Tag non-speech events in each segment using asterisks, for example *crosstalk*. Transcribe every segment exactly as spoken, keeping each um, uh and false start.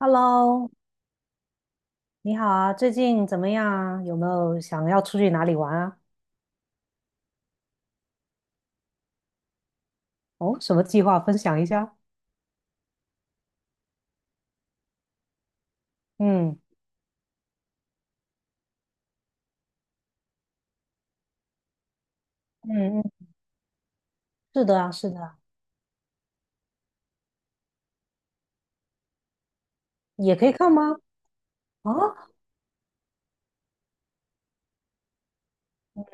Hello，你好啊，最近怎么样啊？有没有想要出去哪里玩啊？哦，什么计划分享一下？嗯嗯嗯，是的啊，是的啊，也可以看吗？啊，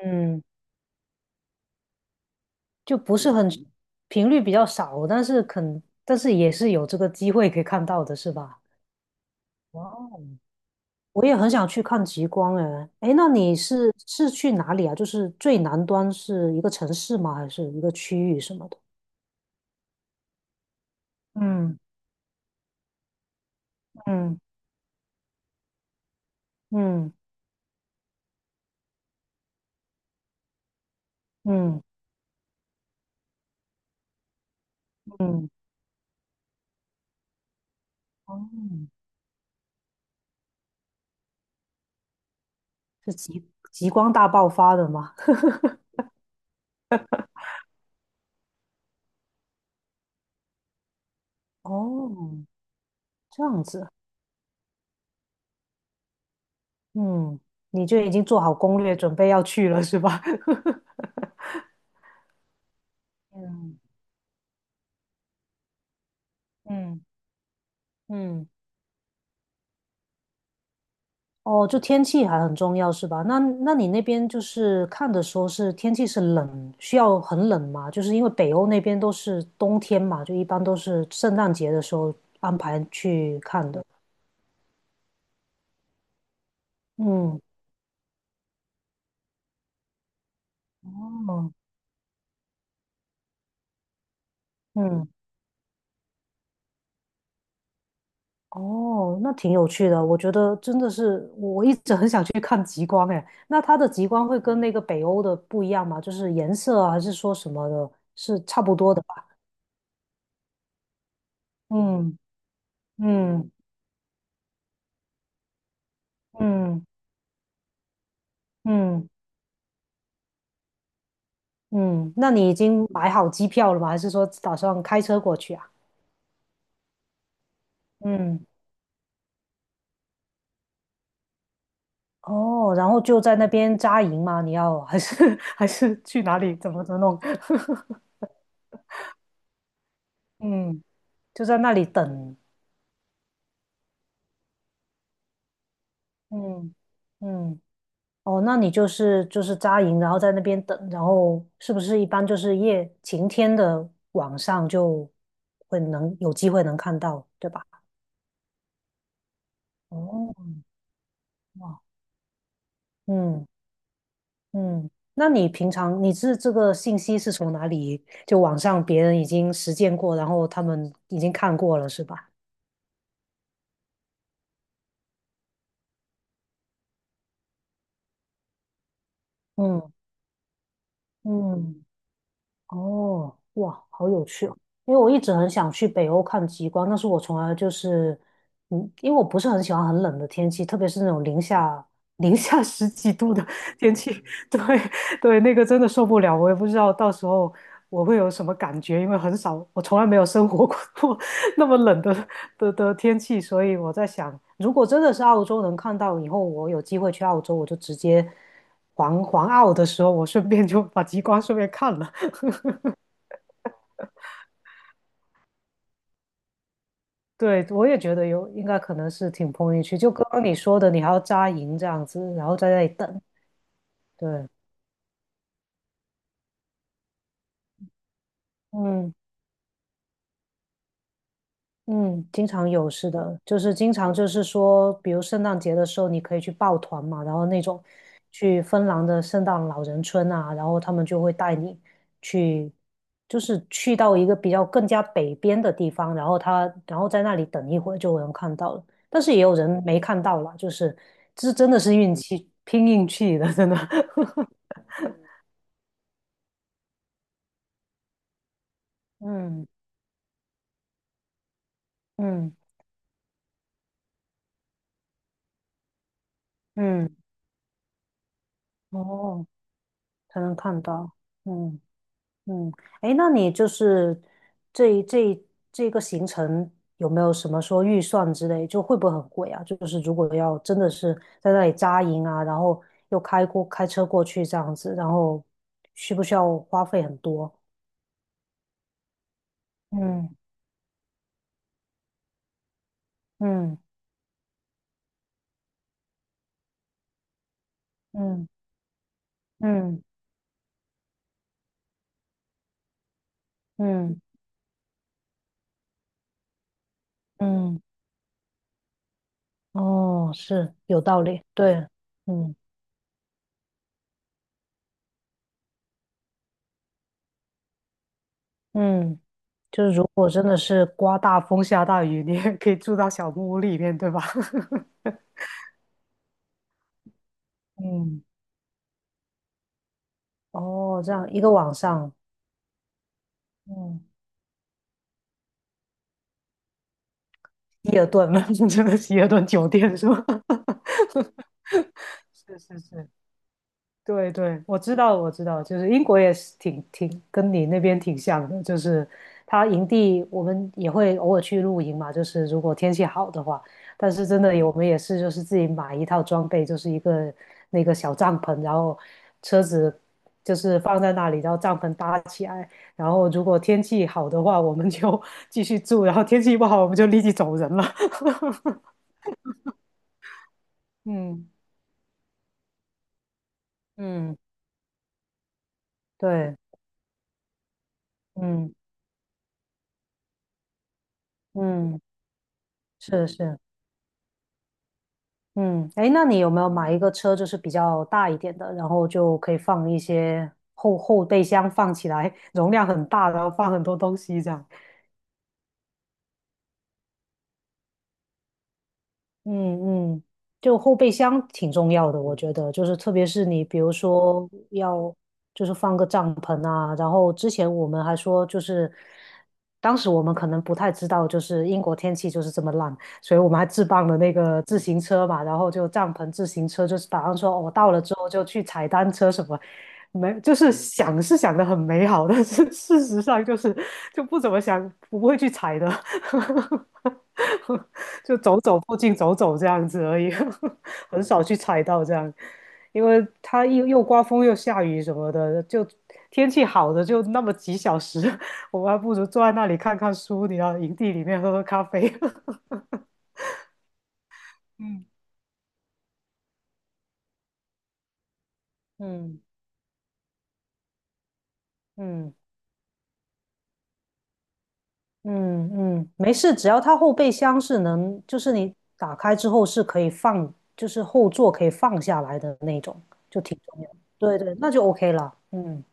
嗯，就不是很频率比较少，但是肯但是也是有这个机会可以看到的，是吧？哇哦，我也很想去看极光哎，哎，那你是是去哪里啊？就是最南端是一个城市吗？还是一个区域什么的？嗯嗯嗯嗯嗯，哦，是极极光大爆发的吗？*laughs* 哦，这样子，嗯，你就已经做好攻略，准备要去了是吧？*laughs* 嗯嗯嗯，哦，就天气还很重要是吧？那那你那边就是看的时候是天气是冷，需要很冷吗？就是因为北欧那边都是冬天嘛，就一般都是圣诞节的时候安排去看的。嗯，哦，嗯，哦，那挺有趣的，我觉得真的是我一直很想去看极光哎。那它的极光会跟那个北欧的不一样吗？就是颜色啊，还是说什么的，是差不多的吧？嗯嗯嗯嗯嗯，那你已经买好机票了吗？还是说打算开车过去啊？嗯，哦，然后就在那边扎营吗？你要还是 *laughs* 还是去哪里？怎么怎么弄？*laughs* 嗯，就在那里等。嗯嗯。哦，那你就是就是扎营，然后在那边等，然后是不是一般就是夜晴天的晚上就会能有机会能看到，对吧？哦，哇，嗯嗯，那你平常你是这个信息是从哪里？就网上别人已经实践过，然后他们已经看过了，是吧？嗯嗯，哦，哇，好有趣哦！因为我一直很想去北欧看极光，但是我从来就是，嗯，因为我不是很喜欢很冷的天气，特别是那种零下零下十几度的 *laughs* 天气，对对，那个真的受不了。我也不知道到时候我会有什么感觉，因为很少，我从来没有生活过 *laughs* 那么冷的的的天气，所以我在想，如果真的是澳洲能看到，以后我有机会去澳洲，我就直接环环澳的时候，我顺便就把极光顺便看了。对，我也觉得有，应该可能是挺碰运气。就刚刚你说的，你还要扎营这样子，然后在那里等。对，嗯嗯，经常有，是的，就是经常就是说，比如圣诞节的时候，你可以去抱团嘛，然后那种去芬兰的圣诞老人村啊，然后他们就会带你去，就是去到一个比较更加北边的地方，然后他然后在那里等一会儿就能看到了，但是也有人没看到啦，就是这真的是运气，拼运气的，真的。*laughs* 嗯嗯嗯，哦，才能看到，嗯嗯，哎，那你就是这一这一这个行程有没有什么说预算之类，就会不会很贵啊？就是如果要真的是在那里扎营啊，然后又开过开车过去这样子，然后需不需要花费很多？嗯嗯嗯嗯嗯嗯，嗯，哦，是有道理，对，嗯嗯。就是如果真的是刮大风下大雨，你也可以住到小木屋里面，对吧？*laughs* 嗯，哦，这样一个晚上，嗯，希尔顿，*laughs* 这的希尔顿酒店是吧？*laughs* 是是是，对对，我知道，我知道，就是英国也是挺挺跟你那边挺像的，就是它营地我们也会偶尔去露营嘛，就是如果天气好的话，但是真的有我们也是就是自己买一套装备，就是一个那个小帐篷，然后车子就是放在那里，然后帐篷搭起来，然后如果天气好的话，我们就 *laughs* 继续住，然后天气不好我们就立即走人了。*laughs* 嗯嗯，对，嗯嗯，是是。嗯，哎，那你有没有买一个车，就是比较大一点的，然后就可以放一些后后备箱放起来，容量很大，然后放很多东西这样？嗯嗯，就后备箱挺重要的，我觉得，就是特别是你比如说要就是放个帐篷啊，然后之前我们还说就是，当时我们可能不太知道，就是英国天气就是这么烂，所以我们还置办了那个自行车嘛，然后就帐篷、自行车，就是打算说我、哦到了之后就去踩单车什么，没就是想是想的很美好，但是事实上就是就不怎么想，不会去踩的。*laughs* *laughs* 就走走附近走走这样子而已，*laughs* 很少去踩到这样，因为它又又刮风又下雨什么的，就天气好的就那么几小时，*laughs* 我们还不如坐在那里看看书，你要营地里面喝喝咖啡。*laughs* 嗯嗯嗯嗯嗯，没事，只要它后备箱是能，就是你打开之后是可以放，就是后座可以放下来的那种，就挺重要的对对，那就 OK 了。嗯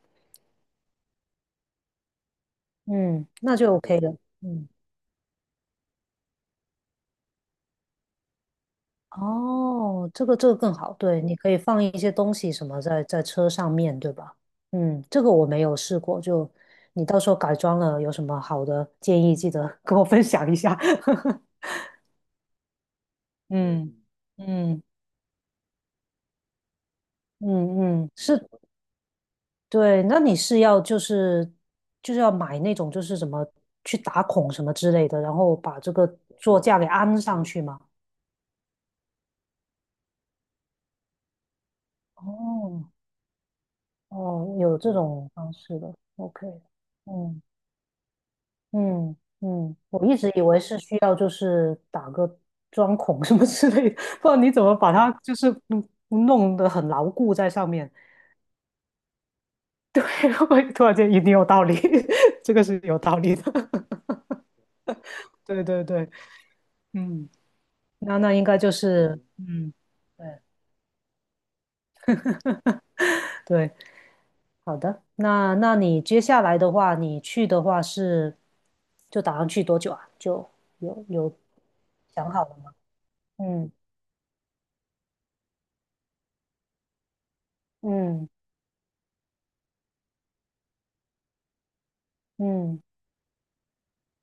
嗯，那就 OK 了。嗯。哦，这个这个更好，对，你可以放一些东西什么在在车上面对吧？嗯，这个我没有试过，就你到时候改装了有什么好的建议，记得跟我分享一下。*laughs* 嗯嗯嗯嗯，是，对，那你是要就是就是要买那种就是什么去打孔什么之类的，然后把这个座架给安上去吗？哦哦，有这种方式的，OK，嗯嗯嗯，我一直以为是需要就是打个钻孔什么之类的，不然你怎么把它就是嗯弄得很牢固在上面？*laughs* 对，我突然间一定有道理，*laughs* 这个是有道理的。*laughs* 对对对，嗯，那那应该就是嗯，对对，好的。那那你接下来的话，你去的话是就打算去多久啊？就有有想好了吗？嗯嗯嗯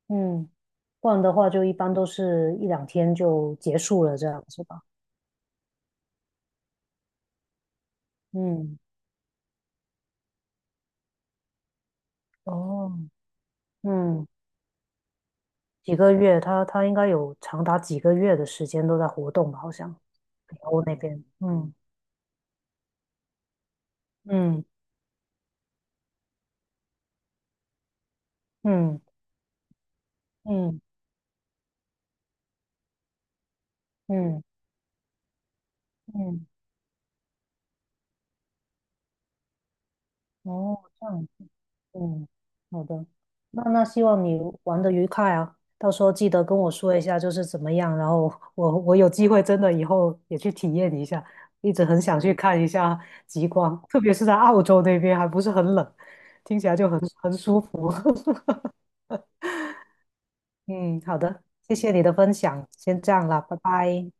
嗯。不然的话就一般都是一两天就结束了这样子吧。嗯，哦，嗯，几个月，他他应该有长达几个月的时间都在活动吧，好像北欧那边。嗯嗯嗯嗯嗯嗯，哦，这样。嗯，好的，那那希望你玩的愉快啊，到时候记得跟我说一下就是怎么样，然后我我有机会真的以后也去体验一下，一直很想去看一下极光，特别是在澳洲那边还不是很冷，听起来就很很舒服。*laughs* 嗯，好的，谢谢你的分享，先这样啦，拜拜。